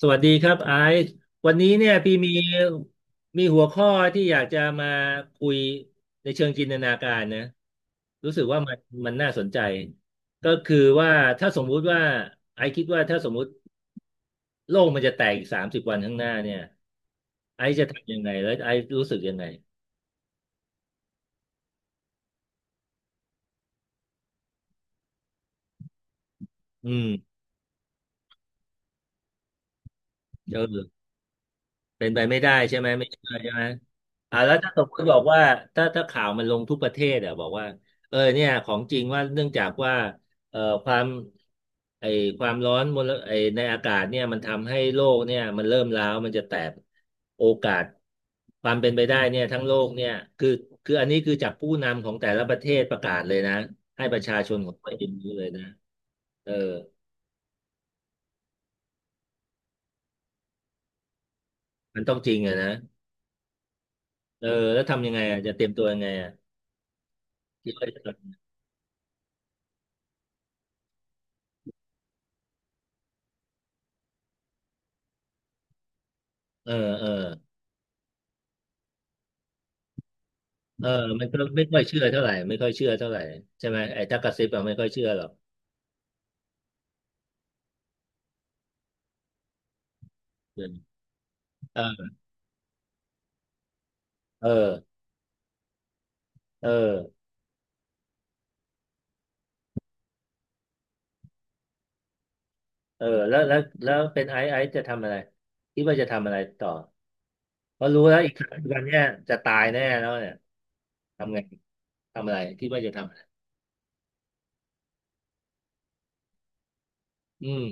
สวัสดีครับไอซ์วันนี้เนี่ยพี่มีหัวข้อที่อยากจะมาคุยในเชิงจินตนาการนะรู้สึกว่ามันน่าสนใจก็คือว่าถ้าสมมุติว่าไอซ์คิดว่าถ้าสมมุติโลกมันจะแตกอีกสามสิบวันข้างหน้าเนี่ยไอซ์จะทำยังไงแล้วไอซ์รู้สึกยังไงอืมเออ เป็นไปไม่ได้ใช่ไหมไม่ใช่ใช่ไหมอ่าแล้วถ้าสมมติบอกว่าถ้าข่าวมันลงทุกประเทศอ่ะบอกว่าเออเนี่ยของจริงว่าเนื่องจากว่าเอ่อความไอความร้อนมลไอในอากาศเนี่ยมันทำให้โลกเนี่ยมันเริ่มร้าวมันจะแตกโอกาสความเป็นไปได้เนี่ยทั้งโลกเนี่ยคือคืออันนี้คือจากผู้นำของแต่ละประเทศประกาศเลยนะให้ประชาชนของตัวเองรู้เลยนะเออมันต้องจริงอะนะเออแล้วทำยังไงอะจะเตรียมตัวยังไงอะคิดว่าจะทำเออเออ เออมันก็ไม่ค่อยเชื่อเท่าไหร่ไม่ค่อยเชื่อเท่าไหร่ใช่ไหมไอ้ถ้ากระซิบอะไม่ค่อยเชื่อหรอกเออเออเออเออแล้วเป็นไอซ์จะทำอะไรคิดว่าจะทำอะไรต่อเพราะรู้แล้วอีกวันเนี้ยจะตายแน่แล้วเนี่ยทำไงทำอะไรคิดว่าจะทำอะไรอืม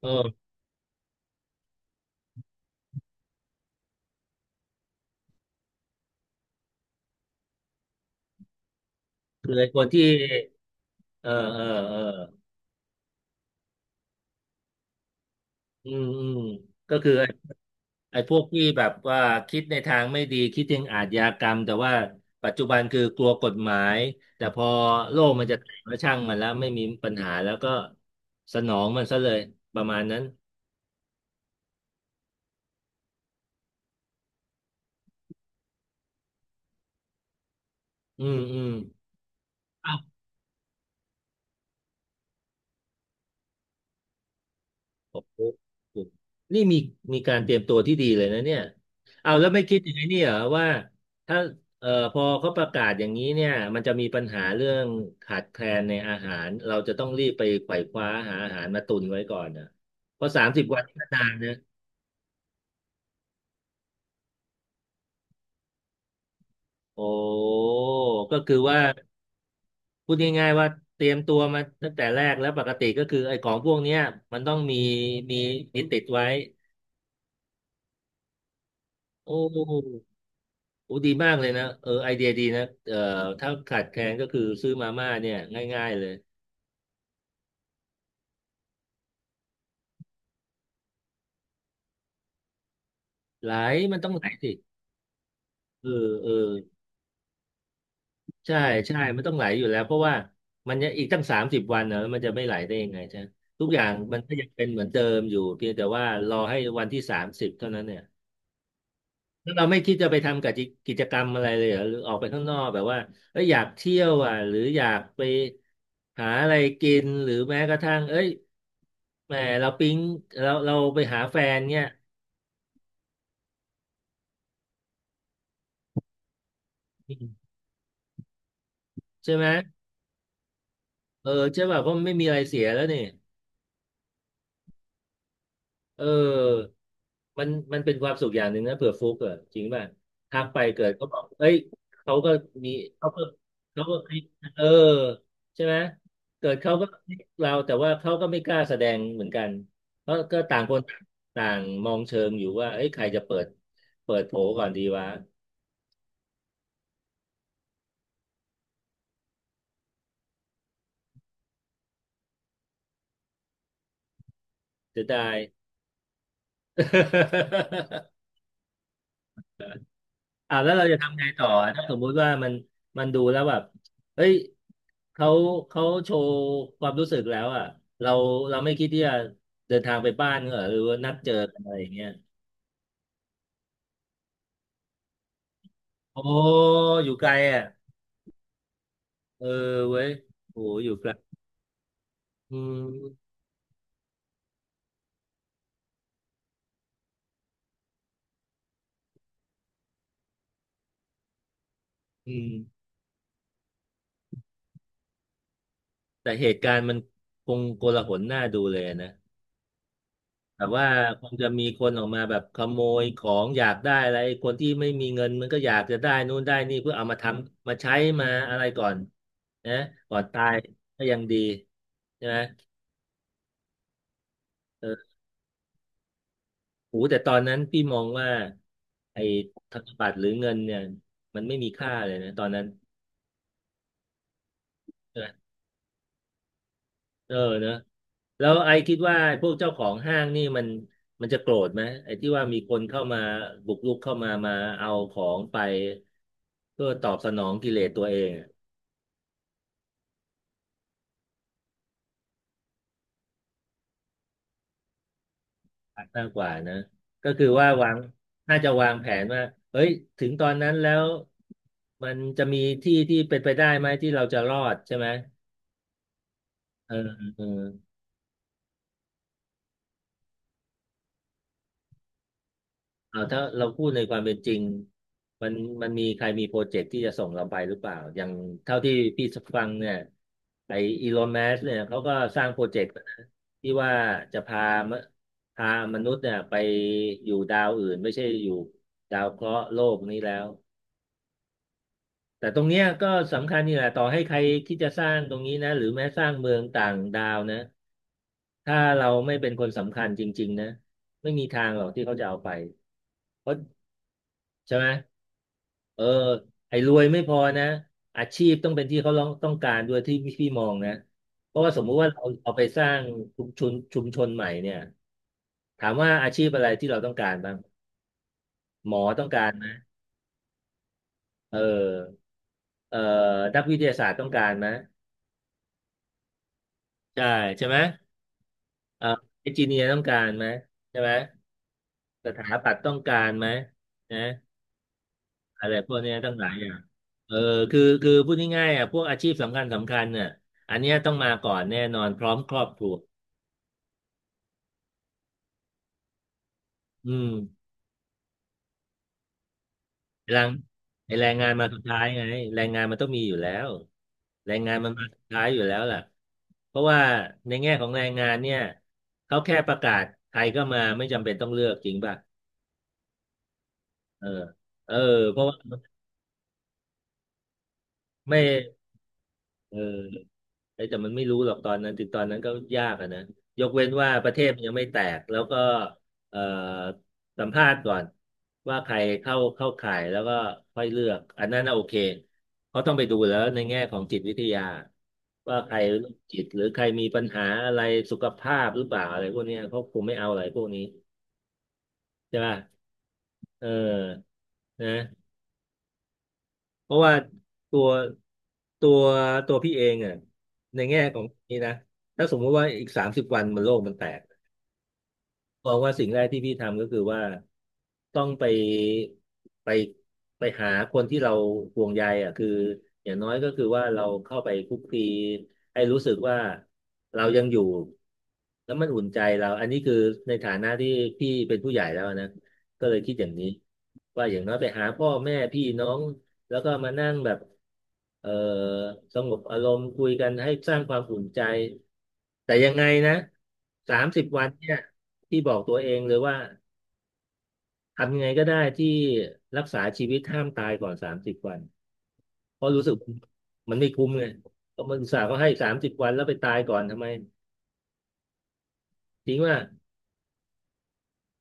เออคือไอ้คนที่เออเออเอออืมอืมก็คือ ไอ้พวกที่แบบว่าคิดในทางไม่ดีคิดถึงอาชญากรรมแต่ว่าปัจจุบันคือกลัวกฎหมายแต่พอโลกมันจะแตกแล้วช่างมันแล้วไม่มีปัญหาแล้วก็สนองมันซะเลยประมาณนั้นอืมอืม โอ้โหนี่มีการเตรียมตัวที่ดีเลยนะเนี่ยเอาแล้วไม่คิดอย่างไอ้นี้เหรอว่าถ้าพอเขาประกาศอย่างนี้เนี่ยมันจะมีปัญหาเรื่องขาดแคลนในอาหารเราจะต้องรีบไปไขว่คว้าหาอาหารมาตุนไว้ก่อนนะเพราะสามสิบวันนี่ก็นานนะโอ้ก็คือว่าพูดง่ายๆว่าเตรียมตัวมาตั้งแต่แรกแล้วปกติก็คือไอ้ของพวกเนี้ยมันต้องมีมีติดไว้โอ้ โอ้ดีมากเลยนะเออไอเดียดีนะเออถ้าขาดแคลนก็คือซื้อมาม่าเนี่ยง่ายๆเลยไหลมันต้องไหลสิเออเออใช่ใช่มันต้องไหลอยู่แล้วเพราะว่ามันจะอีกตั้งสามสิบวันนะแล้วมันจะไม่ไหลได้ยังไงใช่ไหมทุกอย่างมันก็ยังเป็นเหมือนเดิมอยู่เพียงแต่ว่ารอให้วันที่สามสิบเท่านั้นเนี่ย แล้วเราไม่คิดจะไปทำกับกิกิจกรรมอะไรเลยเหรอหรือออกไปข้างนอกแบบว่าเอ้ยอยากเที่ยวอ่ะหรืออยากไปหาอะไรกินหรือแม้กระทั่งเอ้ยแหมเราปิ๊งเราไปหาแฟนเนี่ยใช่ไหมเออใช่ป่ะเพราะมันไม่มีอะไรเสียแล้วนี่ เออมันเป็นความสุขอย่างหนึ่งนะเผื่อฟุกอะจริงป่ะทักไปเกิดเขาบอกเอ้ยเขาก็มีเขาก็เขาก็เออใช่ไหมเกิดเขาก็คิดเราแต่ว่าเขาก็ไม่กล้าแสดงเหมือนกันเพราะก็ต่างคนต่างมองเชิงอยู่ว่าเอ้ยใครจะเปิดโผก่อนดีวะจะได้ อ่าแล้วเราจะทำไงต่ออะถ้าสมมุติว่ามันมันดูแล้วแบบเฮ้ยเขาเขาโชว์ความรู้สึกแล้วอ่ะเราเราไม่คิดที่จะเดินทางไปบ้านเหรอหรือว่านัดเจอกันอะไรอย่างเงี้ยโอ้อยู่ไกลอ่ะเออเว้ยโอ้อยู่ไกลอืมอืมแต่เหตุการณ์มันคงโกลาหลน่าดูเลยนะ แบบว่าคงจะมีคนออกมาแบบขโมยของอยากได้อะไรคนที่ไม่มีเงินมันก็อยากจะได้นู่นได้นี่เพื่อเอามาทำมาใช้มาอะไรก่อนนะก่อนตายก็ยังดีใช่ไหมเออโหแต่ตอนนั้นพี่มองว่าไอ้ธนบัตรหรือเงินเนี่ยมันไม่มีค่าเลยนะตอนนั้น เออเนอะแล้วไอคิดว่าพวกเจ้าของห้างนี่มันจะโกรธไหมไอที่ว่ามีคนเข้ามาบุกรุกเข้ามาเอาของไปเพื่อตอบสนองกิเลสตัวเองอะมากกว่านะก็คือว่าวางน่าจะวางแผนว่าเฮ้ยถึงตอนนั้นแล้วมันจะมีที่ที่เป็นไปได้ไหมที่เราจะรอดใช่ไหมเออเออ เอาถ้าเราพูดในความเป็นจริงมันมันมีใครมีโปรเจกต์ที่จะส่งเราไปหรือเปล่าอย่างเท่าที่พี่ฟังเนี่ยไออีลอนมัสเนี่ยเขาก็สร้างโปรเจกต์นะที่ว่าจะมพามนุษย์เนี่ยไปอยู่ดาวอื่นไม่ใช่อยู่ดาวเคราะห์โลกนี้แล้วแต่ตรงเนี้ยก็สำคัญนี่แหละต่อให้ใครที่จะสร้างตรงนี้นะหรือแม้สร้างเมืองต่างดาวนะถ้าเราไม่เป็นคนสำคัญจริงๆนะไม่มีทางหรอกที่เขาจะเอาไปเพราะ ใช่ไหมเออไอ้รวยไม่พอนะอาชีพต้องเป็นที่เขาร้องต้องการด้วยที่พี่มองนะเพราะว่าสมมุติว่าเราเอาไปสร้างชุมชนใหม่เนี่ยถามว่าอาชีพอะไรที่เราต้องการบ้างหมอต้องการไหมเออเอ่อนักวิทยาศาสตร์ต้องการไหมใช่ใช่ไหมเอ่อเอนจิเนียร์ต้องการไหมใช่ไหมสถาปัตย์ต้องการไหมนะ อะไรพวกเนี้ยตั้งหลายอย่างเออคือคือพูดง่ายๆอ่ะพวกอาชีพสำคัญสำคัญเนี่ยอันเนี้ยต้องมาก่อนแน่นอนพร้อมครอบครัวอืมแรงไอแรงงานมาสุดท้ายไงแรงงานมันต้องมีอยู่แล้วแรงงานมันมาสุดท้ายอยู่แล้วล่ะเพราะว่าในแง่ของแรงงานเนี่ยเขาแค่ประกาศใครก็มาไม่จำเป็นต้องเลือกจริงป่ะเออเออเพราะว่าไม่เออ เอ้ยแต่มันไม่รู้หรอกตอนนั้นถึงตอนนั้นก็ยากอะนะยกเว้นว่าประเทศมันยังไม่แตก แล้วก็เอ่อสัมภาษณ์ก่อนว่าใครเข้าข่ายแล้วก็ค่อยเลือกอันนั้นน่ะโอเค เขาต้องไปดูแล้วในแง่ของจิตวิทยาว่าใครโรคจิตหรือใครมีปัญหาอะไรสุขภาพหรือเปล่าอะไรพวกเนี้ยเขาคงไม่เอาอะไรพวกนี้ใช่ป่ะเออนะ เพราะว่าตัวตัวตัวพี่เองอ่ะในแง่ของนี้นะถ้าสมมติว่าอีกสามสิบวันมันโลกมันแตกมองว่าสิ่งแรกที่พี่ทำก็คือว่าต้องไปไปไปหาคนที่เราห่วงใยอ่ะคืออย่างน้อยก็คือว่าเราเข้าไปคุกคีให้รู้สึกว่าเรายังอยู่แล้วมันอุ่นใจเราอันนี้คือในฐานะที่พี่เป็นผู้ใหญ่แล้วนะก็เลยคิดอย่างนี้ว่าอย่างน้อยไปหาพ่อแม่พี่น้อง แล้วก็มานั่งแบบเอ่อสงบอารมณ์คุยกันให้สร้างความอุ่นใจแต่ยังไงนะสามสิบวันเนี่ยที่บอกตัวเองเลยว่าทำยังไงก็ได้ที่รักษาชีวิตห้ามตายก่อนสามสิบวันเพราะรู้สึกมันไม่คุ้มไงเพราะมันอุตส่าห์ก็ให้สามสิบวันแล้วไปตายก่อนทำไมทิ้งว่า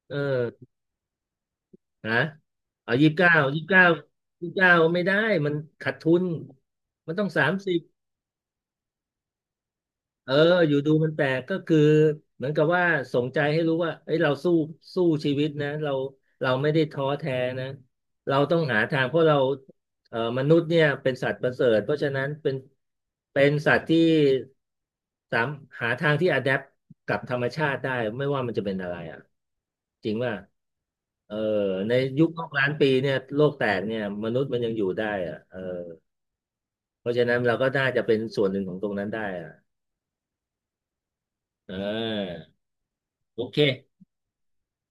เออฮะเอายี่สิบเก้ายี่สิบเก้ายี่สิบเก้าไม่ได้มันขาดทุนมันต้องสามสิบ เอออยู่ดูมันแปลกก็คือเหมือนกับว่าสงใจให้รู้ว่าเอ้ยเราสู้สู้ชีวิตนะเราเราไม่ได้ท้อแท้นะเราต้องหาทางเพราะเรามนุษย์เนี่ยเป็นสัตว์ประเสริฐเพราะฉะนั้นเป็นสัตว์ที่สามหาทางที่อะแดปกับธรรมชาติได้ไม่ว่ามันจะเป็นอะไรอ่ะจริงว่าเออในยุคโลก1,000,000 ปีเนี่ยโลกแตกเนี่ยมนุษย์มันยังอยู่ได้อ่ะเออเพราะฉะนั้นเราก็น่าจะเป็นส่วนหนึ่งของตรงนั้นได้อ่ะเออ โอเค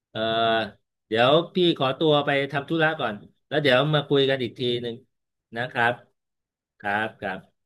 เอ่อเดี๋ยวพี่ขอตัวไปทำธุระก่อน แล้วเดี๋ยวมาคุยกันอีกทีหนึ่งนะครับครับครับ